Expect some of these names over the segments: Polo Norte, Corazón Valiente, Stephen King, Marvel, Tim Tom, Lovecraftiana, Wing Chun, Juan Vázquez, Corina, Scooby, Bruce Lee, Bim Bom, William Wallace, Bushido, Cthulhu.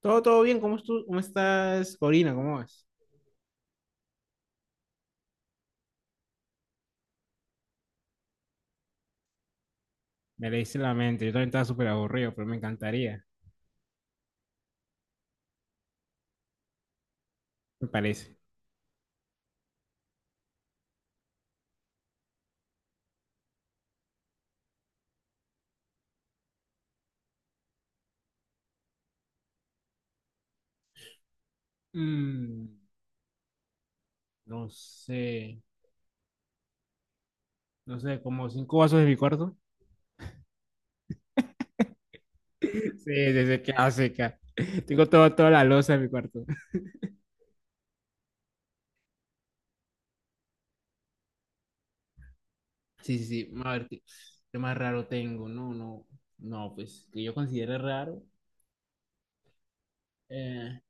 Todo, todo bien, ¿cómo estás, Corina? ¿Cómo vas? Me leíste la mente, yo también estaba súper aburrido, pero me encantaría, me parece. Mm, no sé, no sé, como cinco vasos de mi cuarto. Sí, desde que hace acá. Tengo todo, toda la loza en mi cuarto. Sí, sí, sí, a ver, ¿qué más raro tengo? No, no, no, pues que yo considere raro. Eh,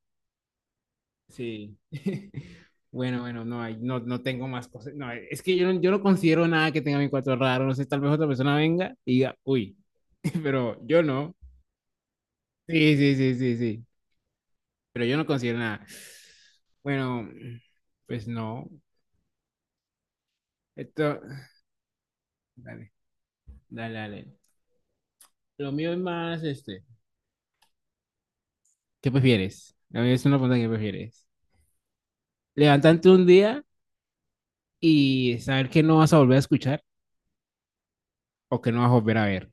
Sí. Bueno, bueno, no hay, no, no tengo más cosas. No, es que yo no considero nada que tenga mi cuarto raro. No sé, tal vez otra persona venga y diga, uy, pero yo no. Sí, sí, sí, sí, sí. Pero yo no considero nada. Bueno, pues no. Esto, dale, dale, dale. Lo mío es más este. ¿Qué prefieres? A mí es una pregunta que prefieres. Levantarte un día y saber que no vas a volver a escuchar o que no vas a volver a ver.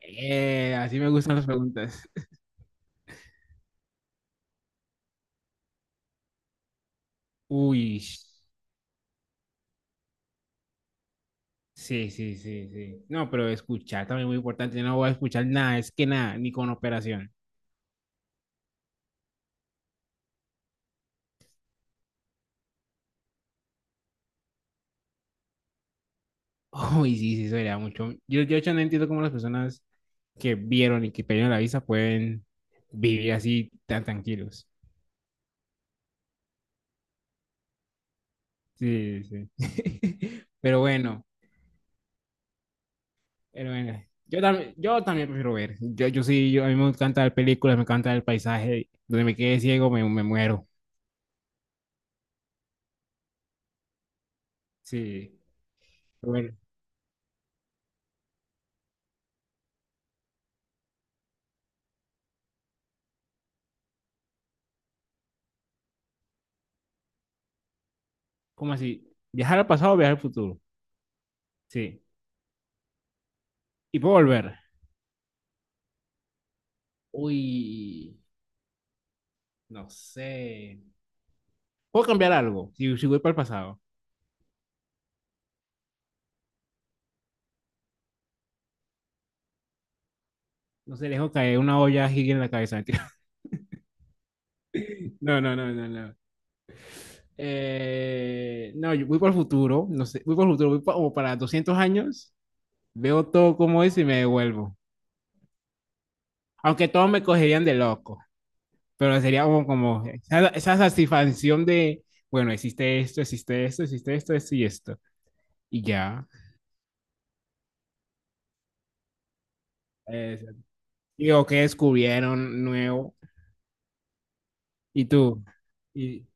Así me gustan las preguntas. Uy, sí, sí, sí, sí. No, pero escuchar también es muy importante. Yo no voy a escuchar nada, es que nada, ni con operación. Uy, sí, sí, eso sería mucho. Yo de hecho no entiendo cómo las personas que vieron y que pidieron la visa pueden vivir así tan tranquilos. Sí, sí. Pero bueno, pero bueno. Yo también prefiero ver. Yo sí, a mí me encanta ver películas, me encanta el paisaje. Donde me quede ciego, me muero. Sí. Pero bueno, ¿cómo así? ¿Viajar al pasado o viajar al futuro? Sí. Y puedo volver. Uy, no sé. Puedo cambiar algo si voy para el pasado. No sé, dejo caer una olla gigante en la cabeza. Mentira. No, no, no, no, no. No, yo voy para el futuro. No sé, voy para el futuro. Voy como para 200 años. Veo todo como es y me devuelvo. Aunque todos me cogerían de loco. Pero sería como esa satisfacción de, bueno, existe esto, existe esto, existe esto, esto y esto. Y ya. Eh, Digo, ¿qué descubrieron nuevo? ¿Y tú? Y,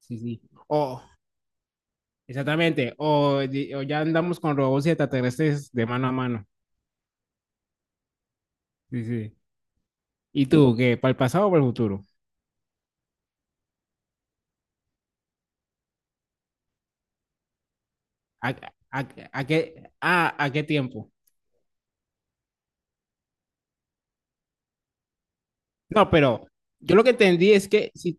Sí, sí. O, exactamente. O ya andamos con robots y extraterrestres de mano a mano. Sí, sí. ¿Y tú, qué? ¿Para el pasado o para el futuro? ¿A, a- a qué, a qué tiempo? No, pero yo lo que entendí es que si,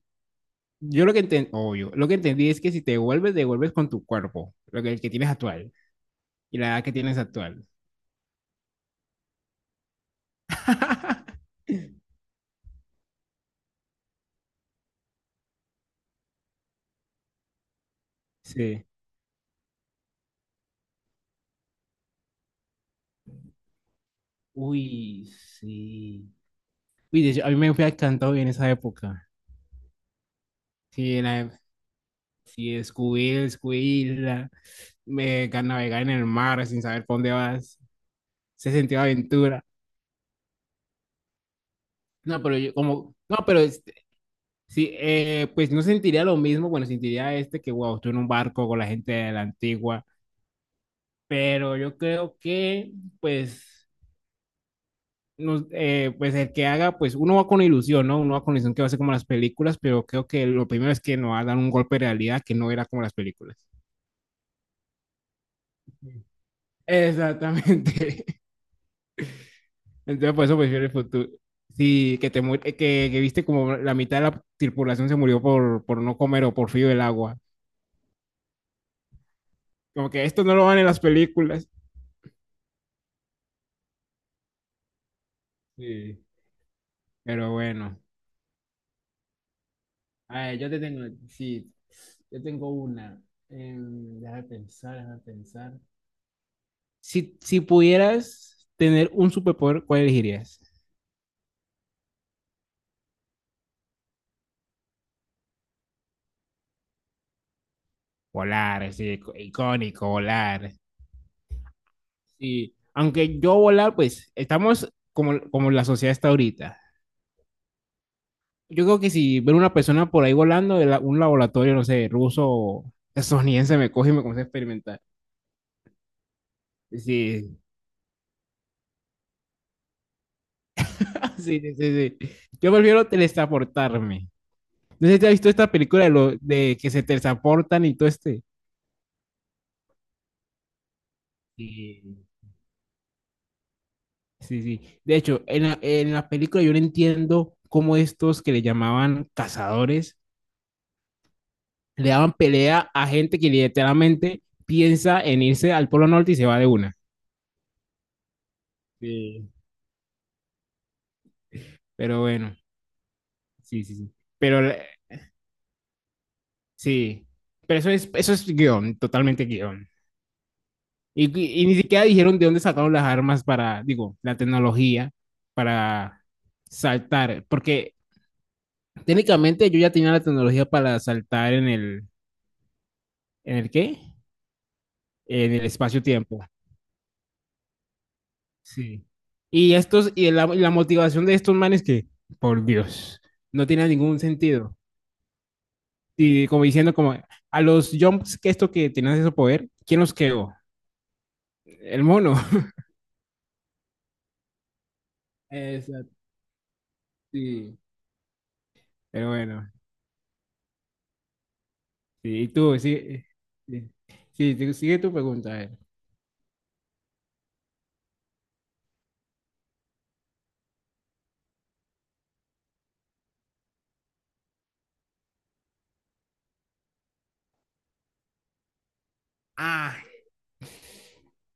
yo lo que entendí, obvio, lo que entendí es que si te vuelves con tu cuerpo, lo que, el que tienes actual y la edad que tienes actual. Sí. Uy, sí. Uy, de hecho, a mí me fue encantado en esa época. Sí, sí, Scooby, Scooby, navegar en el mar sin saber por dónde vas, se sentía aventura. No, pero yo como, no, pero este, sí, pues no sentiría lo mismo, bueno, sentiría este que, wow, estoy en un barco con la gente de la antigua, pero yo creo que, pues, no, pues el que haga, pues uno va con ilusión, ¿no? Uno va con ilusión que va a ser como las películas, pero creo que lo primero es que nos va a dar un golpe de realidad que no era como las películas. Exactamente. Entonces, por eso prefiero el futuro. Sí, que que viste como la mitad de la tripulación se murió por no comer o por frío del agua. Como que esto no lo van en las películas. Sí. Pero bueno. A ver, yo te tengo, sí, yo tengo una. Déjame pensar, déjame pensar. Si pudieras tener un superpoder, ¿cuál elegirías? Volar, sí, icónico, volar. Sí, aunque yo volar, pues estamos como la sociedad está ahorita. Yo creo que si ver una persona por ahí volando un laboratorio, no sé, ruso o estadounidense, me coge y me comienza a experimentar. Sí, sí, sí, sí. Sí. Yo prefiero teletransportarme. No sé si te has visto esta película de que se teletransportan y todo este. Sí, sí, sí. De hecho, en la, película yo no entiendo cómo estos que le llamaban cazadores le daban pelea a gente que literalmente piensa en irse al Polo Norte y se va de una. Sí. Pero bueno, sí, sí, sí. Pero la- Sí, pero eso es guión, totalmente guión. Y ni siquiera dijeron de dónde sacaron las armas para, digo, la tecnología para saltar, porque técnicamente yo ya tenía la tecnología para saltar ¿en el qué? En el espacio-tiempo. Sí. Y estos, y la motivación de estos manes que, por Dios, no tiene ningún sentido. Y como diciendo, como, a los jumps que esto que tenían ese poder, ¿quién los creó? El mono. Exacto. Sí. Pero bueno, sí, y tú, sí, sí, sí, sigue tu pregunta. A ver. Ah,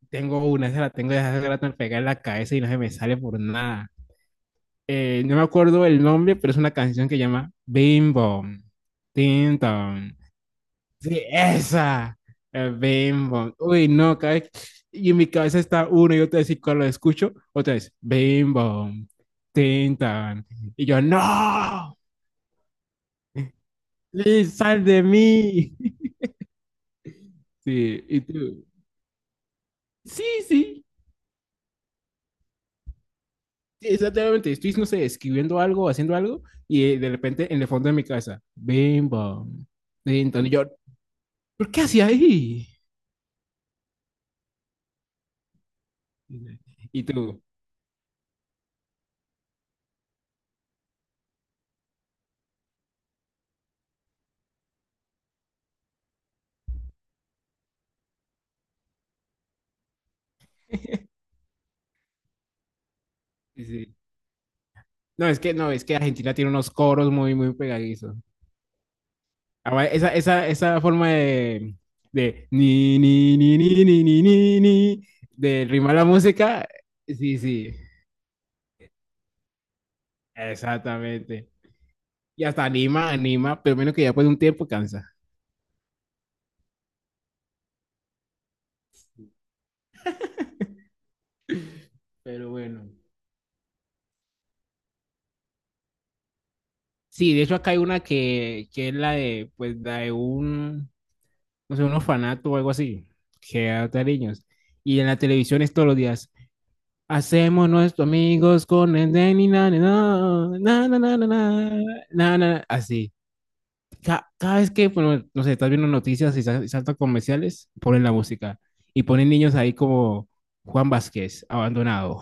tengo una, esa la tengo desde hace rato al pegar en la cabeza y no se me sale por nada. No me acuerdo el nombre, pero es una canción que llama Bim Bom, Tim Tom. Sí, esa, Bim Bom. Uy, no, y en mi cabeza está uno y otra vez, y cuando lo escucho, otra vez, Bim Bom, Tim Tom. Y yo, no, Liz, sal de mí. Sí, y tú. Sí, sí, exactamente. Estoy, no sé, escribiendo algo, haciendo algo, y de repente en el fondo de mi cabeza, bim, bam. Y entonces yo, ¿por qué hacía ahí? Y tú, sí, sí. No, es que no, es que Argentina tiene unos coros muy, muy pegadizos. Ahora, esa forma de ni, ni, ni, ni, ni, ni, ni, ni, de rimar la música, sí, sí, exactamente. Y hasta anima, anima, pero menos que ya después de un tiempo cansa. Pero bueno. Sí, de hecho acá hay una que es la de, pues, la de un, no sé, un orfanato o algo así, que adopta niños. Y en la televisión es todos los días. Hacemos nuestros amigos con el de ni na, ni na, na, na, na, na, na, na, na", así. Cada vez que, bueno, no sé, estás viendo noticias y saltan comerciales, ponen la música. Y ponen niños ahí como Juan Vázquez, abandonado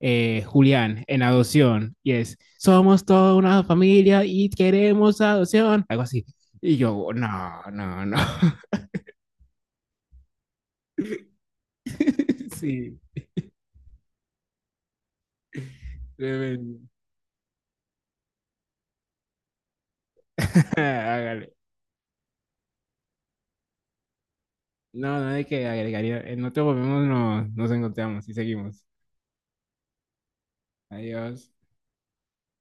Julián en adopción y es, somos toda una familia y queremos adopción, algo así. Y yo, no, no, no. Sí, tremendo. Hágale. No, no hay que agregaría. En otro momento nos encontramos y seguimos. Adiós.